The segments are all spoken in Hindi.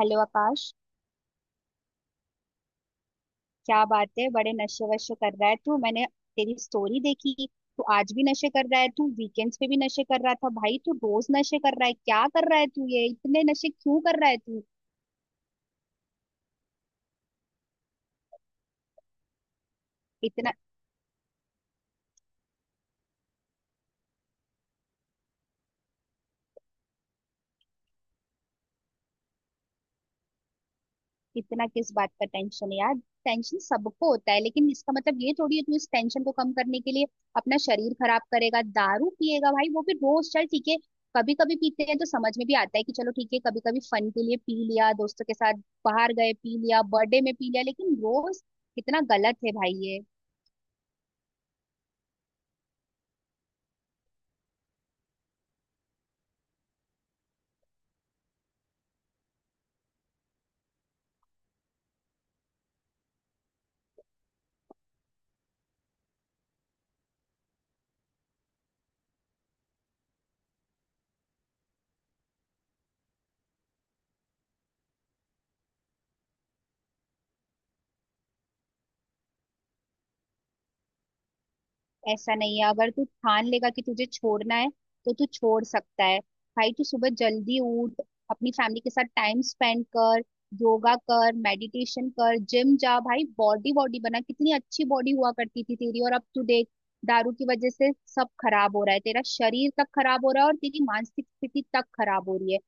हेलो आकाश। क्या बात है, बड़े नशे वशे कर रहा है तू। मैंने तेरी स्टोरी देखी, तू आज भी नशे कर रहा है, तू वीकेंड्स पे भी नशे कर रहा था, भाई तू रोज नशे कर रहा है। क्या कर रहा है तू, ये इतने नशे क्यों कर रहा है तू? इतना इतना किस बात का टेंशन है यार। टेंशन सबको होता है, लेकिन इसका मतलब ये थोड़ी है तू इस टेंशन को कम करने के लिए अपना शरीर खराब करेगा, दारू पिएगा भाई, वो भी रोज। चल ठीक है, कभी कभी पीते हैं तो समझ में भी आता है कि चलो ठीक है, कभी कभी फन के लिए पी लिया दोस्तों के साथ, बाहर गए पी लिया, बर्थडे में पी लिया, लेकिन रोज कितना गलत है भाई ये। ऐसा नहीं है, अगर तू ठान लेगा कि तुझे छोड़ना है तो तू छोड़ सकता है। भाई तू सुबह जल्दी उठ, अपनी फैमिली के साथ टाइम स्पेंड कर, योगा कर, मेडिटेशन कर, जिम जा भाई। बॉडी बॉडी बना, कितनी अच्छी बॉडी हुआ करती थी तेरी, और अब तू देख, दारू की वजह से सब खराब हो रहा है, तेरा शरीर तक खराब हो रहा है और तेरी मानसिक स्थिति तक खराब हो रही है।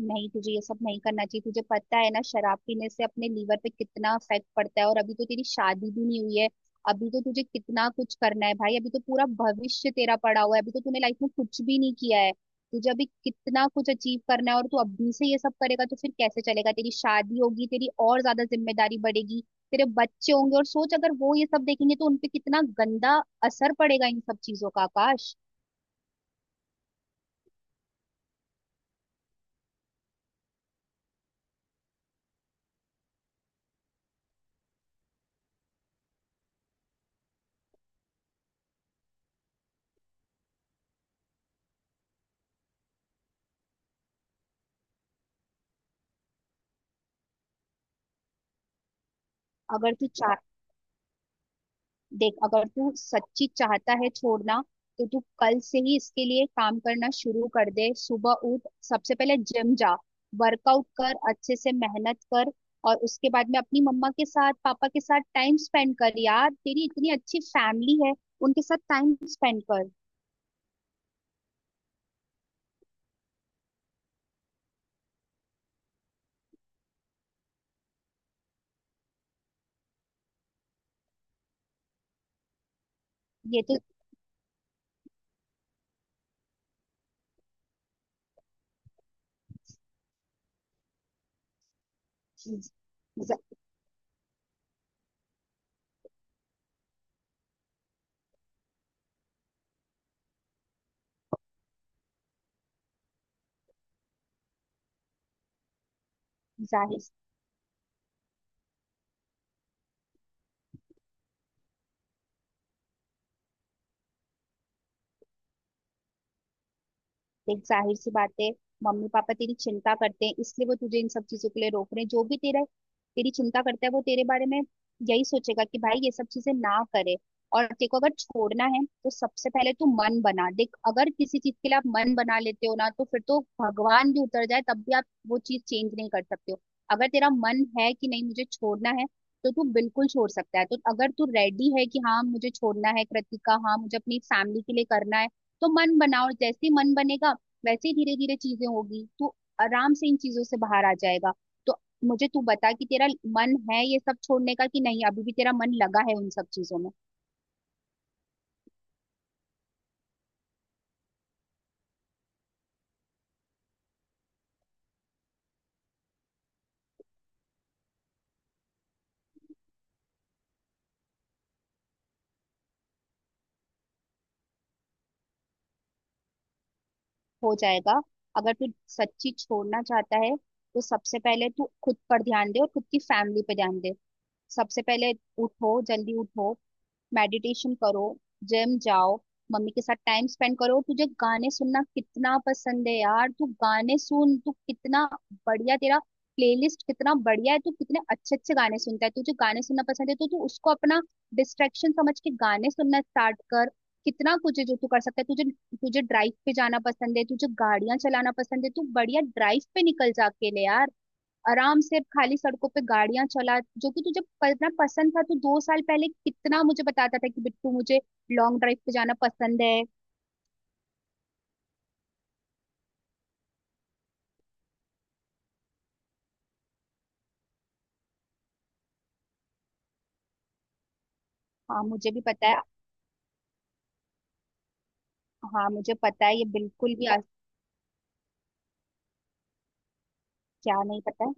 नहीं, तुझे ये सब नहीं करना चाहिए। तुझे पता है ना, शराब पीने से अपने लीवर पे कितना इफेक्ट पड़ता है, और अभी तो तेरी शादी भी नहीं हुई है। अभी तो तुझे कितना कुछ करना है भाई, अभी तो पूरा भविष्य तेरा पड़ा हुआ है, अभी तो तूने लाइफ में कुछ भी नहीं किया है। तुझे अभी कितना कुछ अचीव करना है, और तू अभी से ये सब करेगा तो फिर कैसे चलेगा। तेरी शादी होगी, तेरी और ज्यादा जिम्मेदारी बढ़ेगी, तेरे बच्चे होंगे, और सोच अगर वो ये सब देखेंगे तो उनपे कितना गंदा असर पड़ेगा इन सब चीजों का, आकाश। अगर तू चाह देख, अगर तू सच्ची चाहता है छोड़ना, तो तू कल से ही इसके लिए काम करना शुरू कर दे। सुबह उठ, सबसे पहले जिम जा, वर्कआउट कर, अच्छे से मेहनत कर, और उसके बाद में अपनी मम्मा के साथ पापा के साथ टाइम स्पेंड कर। यार तेरी इतनी अच्छी फैमिली है, उनके साथ टाइम स्पेंड कर। ये तो ज- ज- जाहिर देख, जाहिर सी बात है, मम्मी पापा तेरी चिंता करते हैं, इसलिए वो तुझे इन सब चीजों के लिए रोक रहे हैं। जो भी तेरा, तेरी चिंता करता है, वो तेरे बारे में यही सोचेगा कि भाई ये सब चीजें ना करे। और तेरे को अगर छोड़ना है तो सबसे पहले तू मन बना। देख, अगर किसी चीज के लिए आप मन बना लेते हो ना, तो फिर तो भगवान भी उतर जाए तब भी आप वो चीज चेंज नहीं कर सकते हो। अगर तेरा मन है कि नहीं मुझे छोड़ना है, तो तू बिल्कुल छोड़ सकता है। तो अगर तू रेडी है कि हाँ मुझे छोड़ना है कृतिका, हाँ मुझे अपनी फैमिली के लिए करना है, तो मन बनाओ। जैसे ही मन बनेगा, वैसे ही धीरे धीरे चीजें होगी, तू आराम से इन चीजों से बाहर आ जाएगा। तो मुझे तू बता कि तेरा मन है ये सब छोड़ने का कि नहीं, अभी भी तेरा मन लगा है उन सब चीजों में। हो जाएगा, अगर तू सच्ची छोड़ना चाहता है, तो सबसे पहले तू खुद पर ध्यान दे और खुद की फैमिली पे ध्यान दे। सबसे पहले उठो जल्दी, उठो, मेडिटेशन करो, जिम जाओ, मम्मी के साथ टाइम स्पेंड करो। तुझे गाने सुनना कितना पसंद है यार, तू गाने सुन, तू कितना बढ़िया, तेरा प्लेलिस्ट कितना बढ़िया है, तू कितने अच्छे अच्छे गाने सुनता है। तुझे गाने सुनना पसंद है, तो तू उसको अपना डिस्ट्रैक्शन समझ के गाने सुनना स्टार्ट कर। कितना कुछ है जो तू कर सकता है। तुझे तुझे ड्राइव पे जाना पसंद है, तुझे गाड़ियां चलाना पसंद है, तू बढ़िया ड्राइव पे निकल जा अकेले यार, आराम से खाली सड़कों पे गाड़ियां चला। जो कि तुझे पढ़ना पसंद था, तो 2 साल पहले कितना मुझे बताता था कि बिट्टू मुझे लॉन्ग ड्राइव पे जाना पसंद है। हाँ, मुझे भी पता है। हाँ, मुझे पता है, ये बिल्कुल भी आज। क्या नहीं पता है?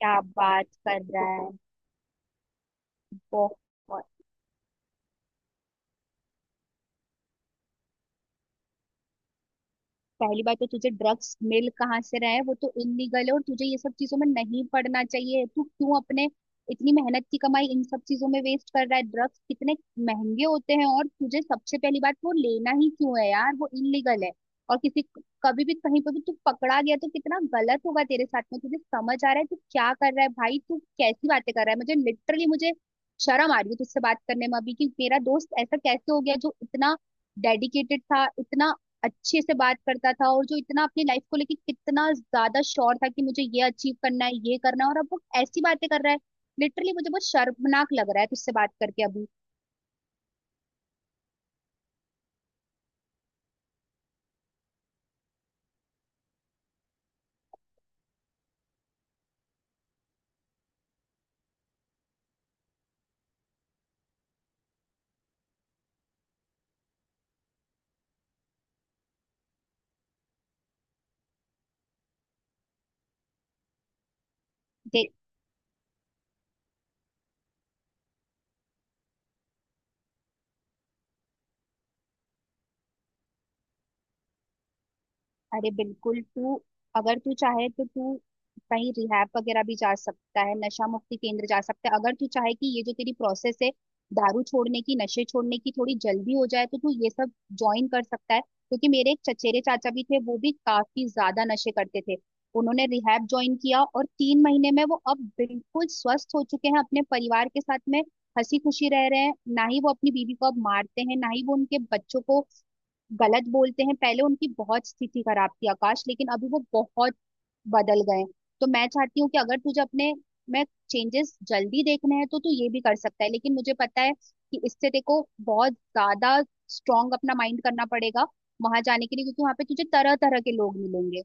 क्या बात कर रहा है? बहुत। पहली बात तो तुझे ड्रग्स मिल कहाँ से रहा है, वो तो इलीगल है, और तुझे ये सब चीजों में नहीं पड़ना चाहिए। तू क्यों अपने इतनी मेहनत की कमाई इन सब चीजों में वेस्ट कर रहा है, ड्रग्स कितने महंगे होते हैं। और तुझे सबसे पहली बात, वो लेना ही क्यों है यार, वो इलीगल है। और किसी, कभी भी कहीं पर भी तू पकड़ा गया तो कितना गलत होगा तेरे साथ में। तुझे समझ आ रहा है तू क्या कर रहा है भाई, तू कैसी बातें कर रहा है। मुझे लिटरली, मुझे शर्म आ रही है तुझसे बात करने में अभी, कि मेरा दोस्त ऐसा कैसे हो गया जो इतना डेडिकेटेड था, इतना अच्छे से बात करता था, और जो इतना अपनी लाइफ को लेके कितना ज्यादा श्योर था कि मुझे ये अचीव करना है, ये करना है, और अब वो ऐसी बातें कर रहा है। लिटरली मुझे बहुत शर्मनाक लग रहा है तुझसे बात करके अभी। अरे बिल्कुल। तू अगर तू चाहे तो तू कहीं रिहैब वगैरह भी जा सकता है, नशा मुक्ति केंद्र जा सकता है, अगर तू चाहे कि ये जो तेरी प्रोसेस है दारू छोड़ने की, नशे छोड़ने की, थोड़ी जल्दी हो जाए, तो तू ये सब ज्वाइन कर सकता है। क्योंकि मेरे एक चचेरे चाचा भी थे, वो भी काफी ज्यादा नशे करते थे। उन्होंने रिहैब ज्वाइन किया, और 3 महीने में वो अब बिल्कुल स्वस्थ हो चुके हैं, अपने परिवार के साथ में हंसी खुशी रह रहे हैं। ना ही वो अपनी बीवी को अब मारते हैं, ना ही वो उनके बच्चों को गलत बोलते हैं। पहले उनकी बहुत स्थिति खराब थी आकाश, लेकिन अभी वो बहुत बदल गए हैं। तो मैं चाहती हूँ कि अगर तुझे अपने में चेंजेस जल्दी देखने हैं, तो तू ये भी कर सकता है। लेकिन मुझे पता है कि इससे, देखो, बहुत ज्यादा स्ट्रांग अपना माइंड करना पड़ेगा वहां जाने के लिए, क्योंकि वहां पे तुझे तरह तरह के लोग मिलेंगे।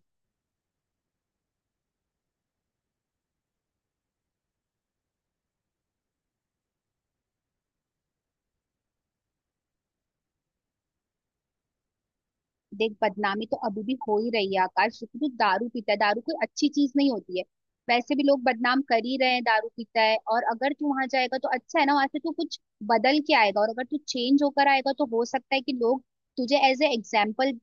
देख, बदनामी तो अभी भी हो ही रही है आकाश, क्योंकि तू दारू पीता है, दारू कोई अच्छी चीज नहीं होती है, वैसे भी लोग बदनाम कर ही रहे हैं दारू पीता है। और अगर तू वहां जाएगा तो अच्छा है ना, वहां से तू कुछ बदल के आएगा, और अगर तू चेंज होकर आएगा तो हो सकता है कि लोग तुझे एज ए एग्जाम्पल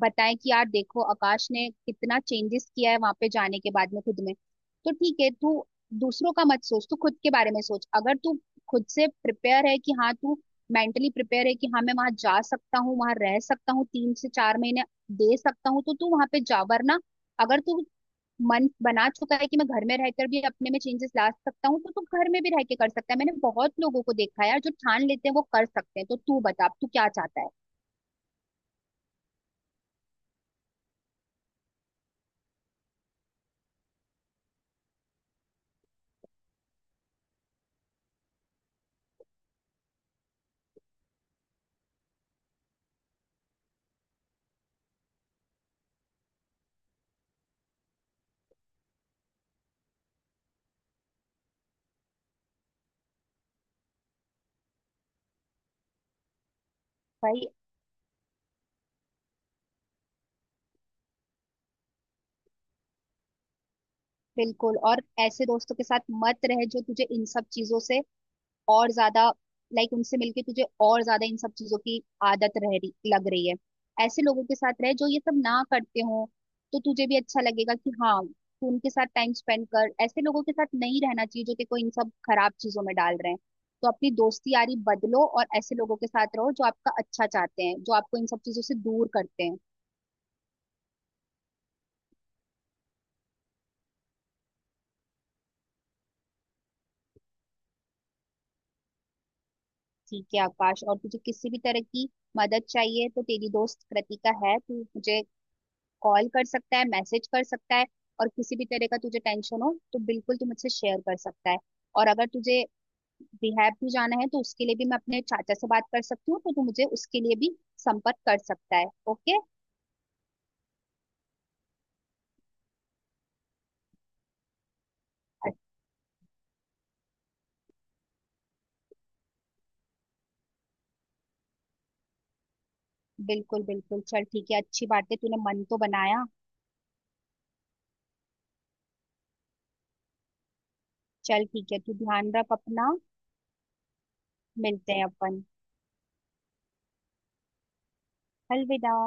बताएं कि यार देखो आकाश ने कितना चेंजेस किया है वहां पे जाने के बाद में खुद में। तो ठीक है तू, दूसरों का मत सोच, तू खुद के बारे में सोच। अगर तू खुद से प्रिपेयर है कि हाँ तू मेंटली प्रिपेयर है कि हाँ मैं वहां जा सकता हूँ, वहां रह सकता हूँ, 3 से 4 महीने दे सकता हूँ, तो तू वहां पे जा। वरना अगर तू मन बना चुका है कि मैं घर में रहकर भी अपने में चेंजेस ला सकता हूँ, तो तू घर में भी रह के कर सकता है। मैंने बहुत लोगों को देखा है यार, जो ठान लेते हैं वो कर सकते हैं। तो तू बता अब तू क्या चाहता है। भाई बिल्कुल। और ऐसे दोस्तों के साथ मत रह जो तुझे इन सब चीजों से और ज्यादा, लाइक उनसे मिलके तुझे और ज्यादा इन सब चीजों की आदत रह रही, लग रही है। ऐसे लोगों के साथ रह जो ये सब ना करते हो, तो तुझे भी अच्छा लगेगा कि हाँ तू उनके साथ टाइम स्पेंड कर। ऐसे लोगों के साथ नहीं रहना चाहिए जो तेको इन सब खराब चीजों में डाल रहे हैं। तो अपनी दोस्ती यारी बदलो, और ऐसे लोगों के साथ रहो जो आपका अच्छा चाहते हैं, जो आपको इन सब चीजों से दूर करते हैं। ठीक है आकाश, और तुझे किसी भी तरह की मदद चाहिए तो तेरी दोस्त कृतिका है, तू मुझे कॉल कर सकता है, मैसेज कर सकता है, और किसी भी तरह का तुझे टेंशन हो तो बिल्कुल तू मुझसे शेयर कर सकता है। और अगर तुझे रिहैब भी जाना है तो उसके लिए भी मैं अपने चाचा से बात कर सकती हूँ, तो तू मुझे उसके लिए भी संपर्क कर सकता है। ओके। बिल्कुल बिल्कुल, चल ठीक है, अच्छी बात है तूने मन तो बनाया। चल ठीक है, तू ध्यान रख अपना। मिलते हैं अपन। अलविदा।